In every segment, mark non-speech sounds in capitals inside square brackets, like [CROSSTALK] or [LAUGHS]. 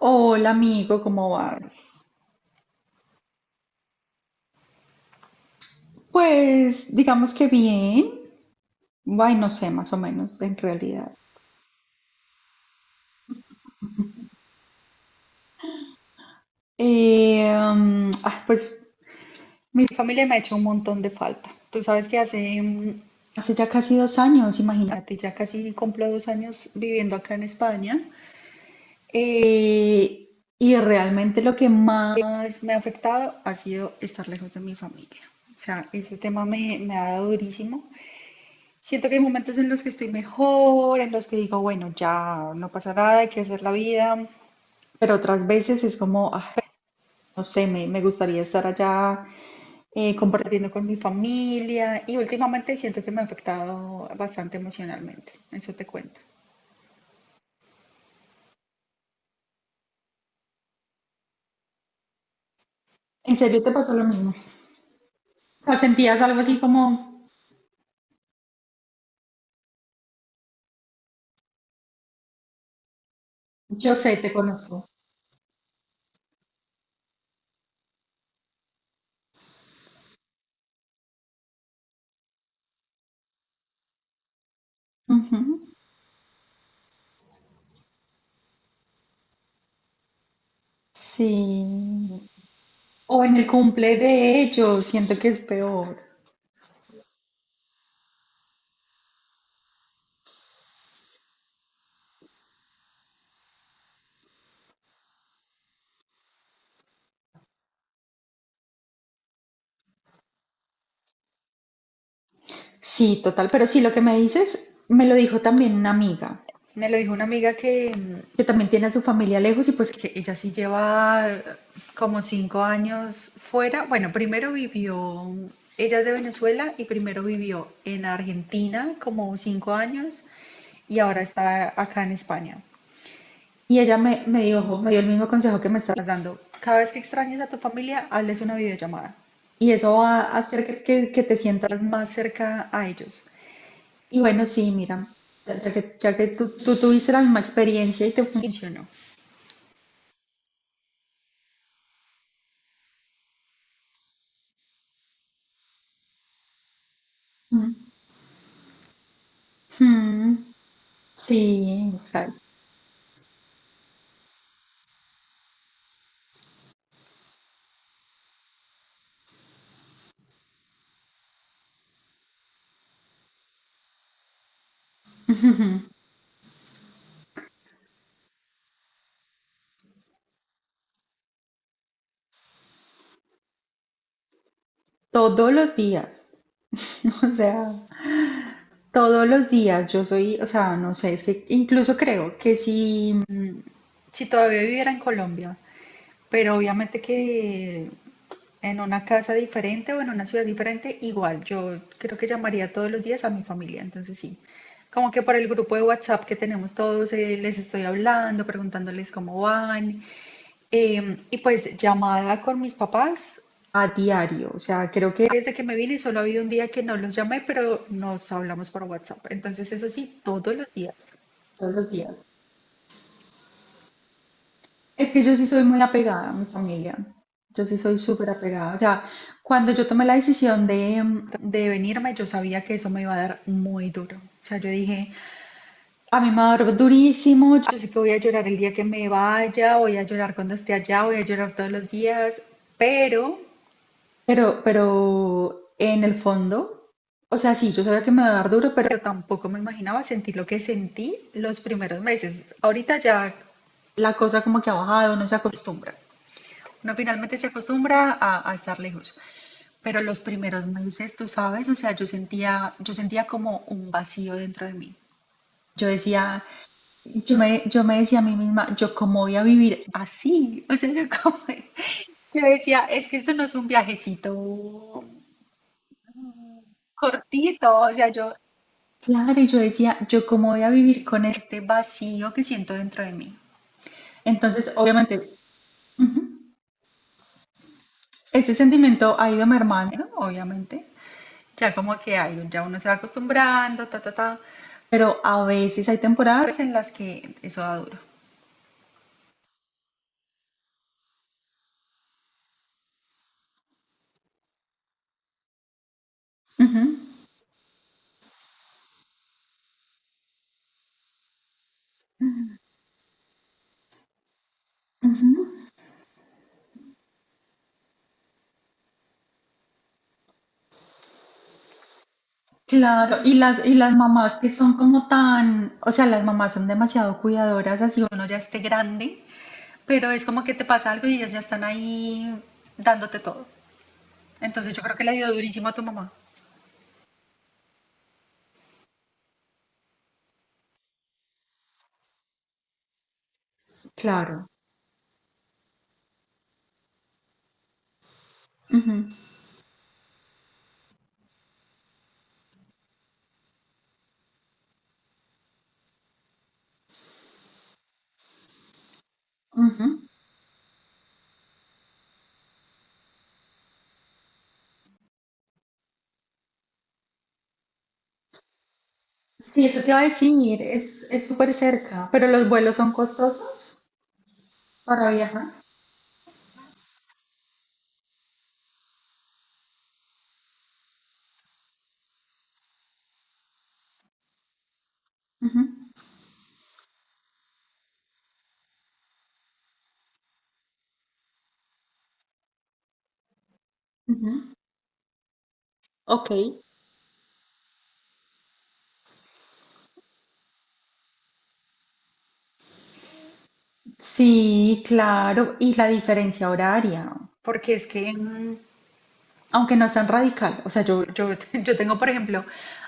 Hola amigo, ¿cómo vas? Pues digamos que bien, ay no sé, más o menos en realidad. Pues mi familia me ha hecho un montón de falta. Tú sabes que hace ya casi 2 años, imagínate, ya casi cumplo 2 años viviendo acá en España. Eh, y realmente lo que más me ha afectado ha sido estar lejos de mi familia. O sea, ese tema me ha dado durísimo. Siento que hay momentos en los que estoy mejor, en los que digo, bueno, ya no pasa nada, hay que hacer la vida, pero otras veces es como, no sé, me gustaría estar allá compartiendo con mi familia y últimamente siento que me ha afectado bastante emocionalmente, eso te cuento. ¿En serio te pasó lo mismo? O sea, sentías algo así como, yo sé, te conozco. Ujú. Sí. O en el cumple de ellos, siento que es peor. Sí, total, pero sí, lo que me dices, me lo dijo también una amiga. Me lo dijo una amiga que también tiene a su familia lejos y pues que ella sí lleva como 5 años fuera. Bueno, primero vivió, ella es de Venezuela y primero vivió en Argentina como 5 años y ahora está acá en España. Y ella me dio el mismo consejo que me estás dando, cada vez que extraña, hazles una videollamada. Y eso va a hacer que te sientas más cerca a ellos. Y bueno, sí, mira, ya que tú tuviste la misma experiencia y te funcionó. Ujú. Ujú. Sí, exacto. [LAUGHS] Ujú. Todos los días, [LAUGHS] o sea, todos los días yo soy, o sea, no sé, es que incluso creo que si todavía viviera en Colombia, pero obviamente que en una casa diferente o en una ciudad diferente, igual, yo creo que llamaría todos los días a mi familia, entonces sí. Como que por el grupo de WhatsApp que tenemos todos, les estoy hablando, preguntándoles cómo van. Y pues llamada con mis papás a diario. O sea, creo que desde que me vine solo ha habido un día que no los llamé, pero nos hablamos por WhatsApp. Entonces, eso sí, todos los días. Todos los días. Es que yo sí soy muy apegada a mi familia. Yo sí soy súper apegada. O sea, cuando yo tomé la decisión de venirme, yo sabía que eso me iba a dar muy duro. O sea, yo dije, a mí me va a dar durísimo. Yo sé que voy a llorar el día que me vaya, voy a llorar cuando esté allá, voy a llorar todos los días, pero pero, pero, en el fondo, o sea, sí, yo sabía que me iba a dar duro, pero tampoco me imaginaba sentir lo que sentí los primeros meses. Ahorita ya la cosa como que ha bajado, no se acostumbra. No, finalmente se acostumbra a estar lejos. Pero los primeros meses, tú sabes, o sea, yo sentía como un vacío dentro de mí. Yo decía, yo me decía a mí misma, yo cómo voy a vivir así, [LAUGHS] o sea, yo cómo, [LAUGHS] yo decía, es que esto no es un viajecito cortito, o sea, yo, claro, y yo decía, ¿yo cómo voy a vivir con este vacío que siento dentro de mí? Entonces, obviamente, ujú, ese sentimiento ha ido mermando, obviamente. Ya como que hay, ya uno se va acostumbrando, ta, ta, ta. Pero a veces hay temporadas en las que eso da duro. Ujú, ujú. Claro, y las mamás que son como tan, o sea, las mamás son demasiado cuidadoras, así uno ya esté grande. Pero es como que te pasa algo y ellas ya están ahí dándote todo. Entonces yo creo que le dio durísimo a tu mamá. Claro. Ujú, ujú. Sí, eso te iba a decir, es súper cerca, pero los vuelos son costosos para viajar. Ujú, ujú. Ok. Sí, claro, y la diferencia horaria. Porque es que aunque no es tan radical. O sea, [LAUGHS] yo tengo, por ejemplo,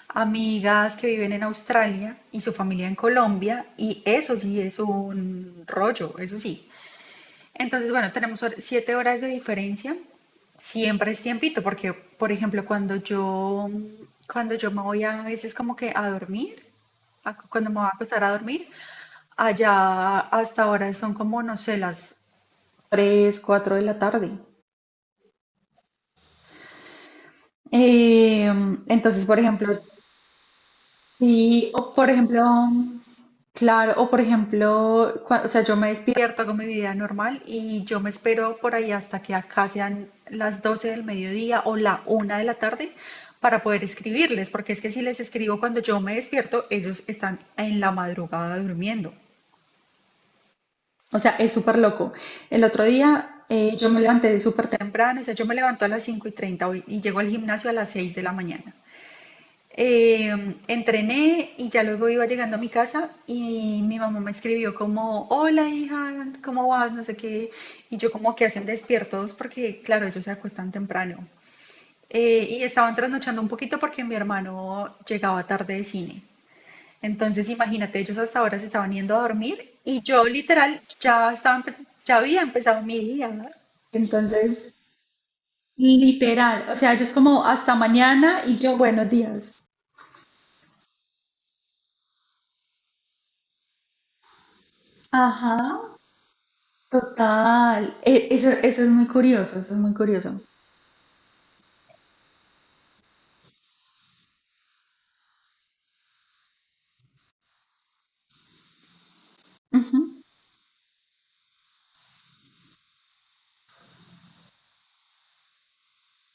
amigas que viven en Australia y su familia en Colombia, y eso sí es un rollo, eso sí. Entonces, bueno, tenemos 7 horas de diferencia. Siempre es tiempito, porque, por ejemplo, cuando yo me voy a, veces como que a dormir, cuando me voy a acostar a dormir, allá hasta ahora son como, no sé, las 3, 4 de la tarde. Eh, entonces, por ejemplo, sí, o por ejemplo, claro, o por ejemplo, o sea, yo me despierto, hago mi vida normal y yo me espero por ahí hasta que acá sean las 12 del mediodía o la 1 de la tarde para poder escribirles, porque es que si les escribo cuando yo me despierto, ellos están en la madrugada durmiendo. O sea, es súper loco. El otro día yo me levanté súper temprano, o sea, yo me levanto a las 5:30 y llego al gimnasio a las 6 de la mañana. Eh, Entrené y ya luego iba llegando a mi casa y mi mamá me escribió como, hola hija, ¿cómo vas? No sé qué. Y yo como que hacen despiertos porque, claro, ellos se acuestan temprano. Y estaban trasnochando un poquito porque mi hermano llegaba tarde de cine. Entonces, imagínate, ellos hasta ahora se estaban yendo a dormir y yo literal ya estaba ya había empezado mi día. ¿No? Entonces, literal, o sea, ellos como hasta mañana y yo buenos días. Ajá. Total, eso, eso es muy curioso, eso es muy curioso. Ujú,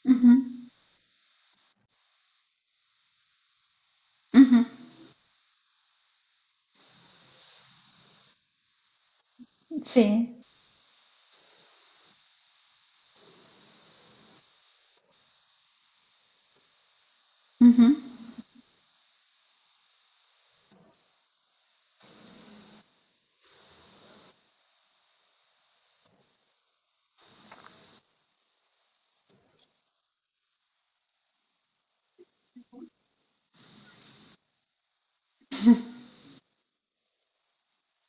ujú, ujú. Sí, ujú,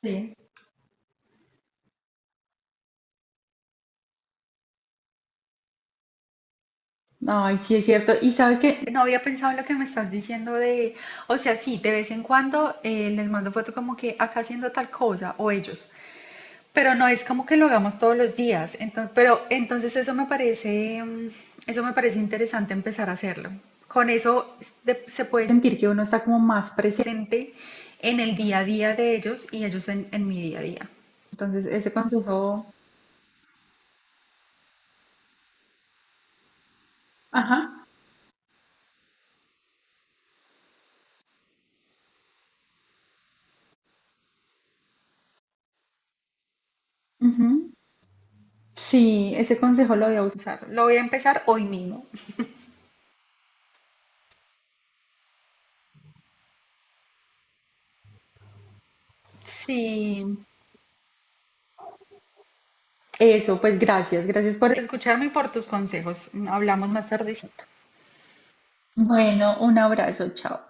sí. Ay, sí, es cierto. Y sabes que no había pensado en lo que me estás diciendo de, o sea, sí, de vez en cuando les mando foto como que acá haciendo tal cosa, o ellos, pero no es como que lo hagamos todos los días. Entonces, pero entonces eso me parece, eso me parece interesante empezar a hacerlo. Con eso se puede sentir que uno está como más presente en el día a día de ellos y ellos en mi día a día. Entonces, ese consejo, ajá, ujú. Sí, ese consejo lo voy a usar. Lo voy a empezar hoy mismo. Sí, eso, pues gracias, gracias por escucharme y por tus consejos. Hablamos más tardecito. Bueno, un abrazo, chao.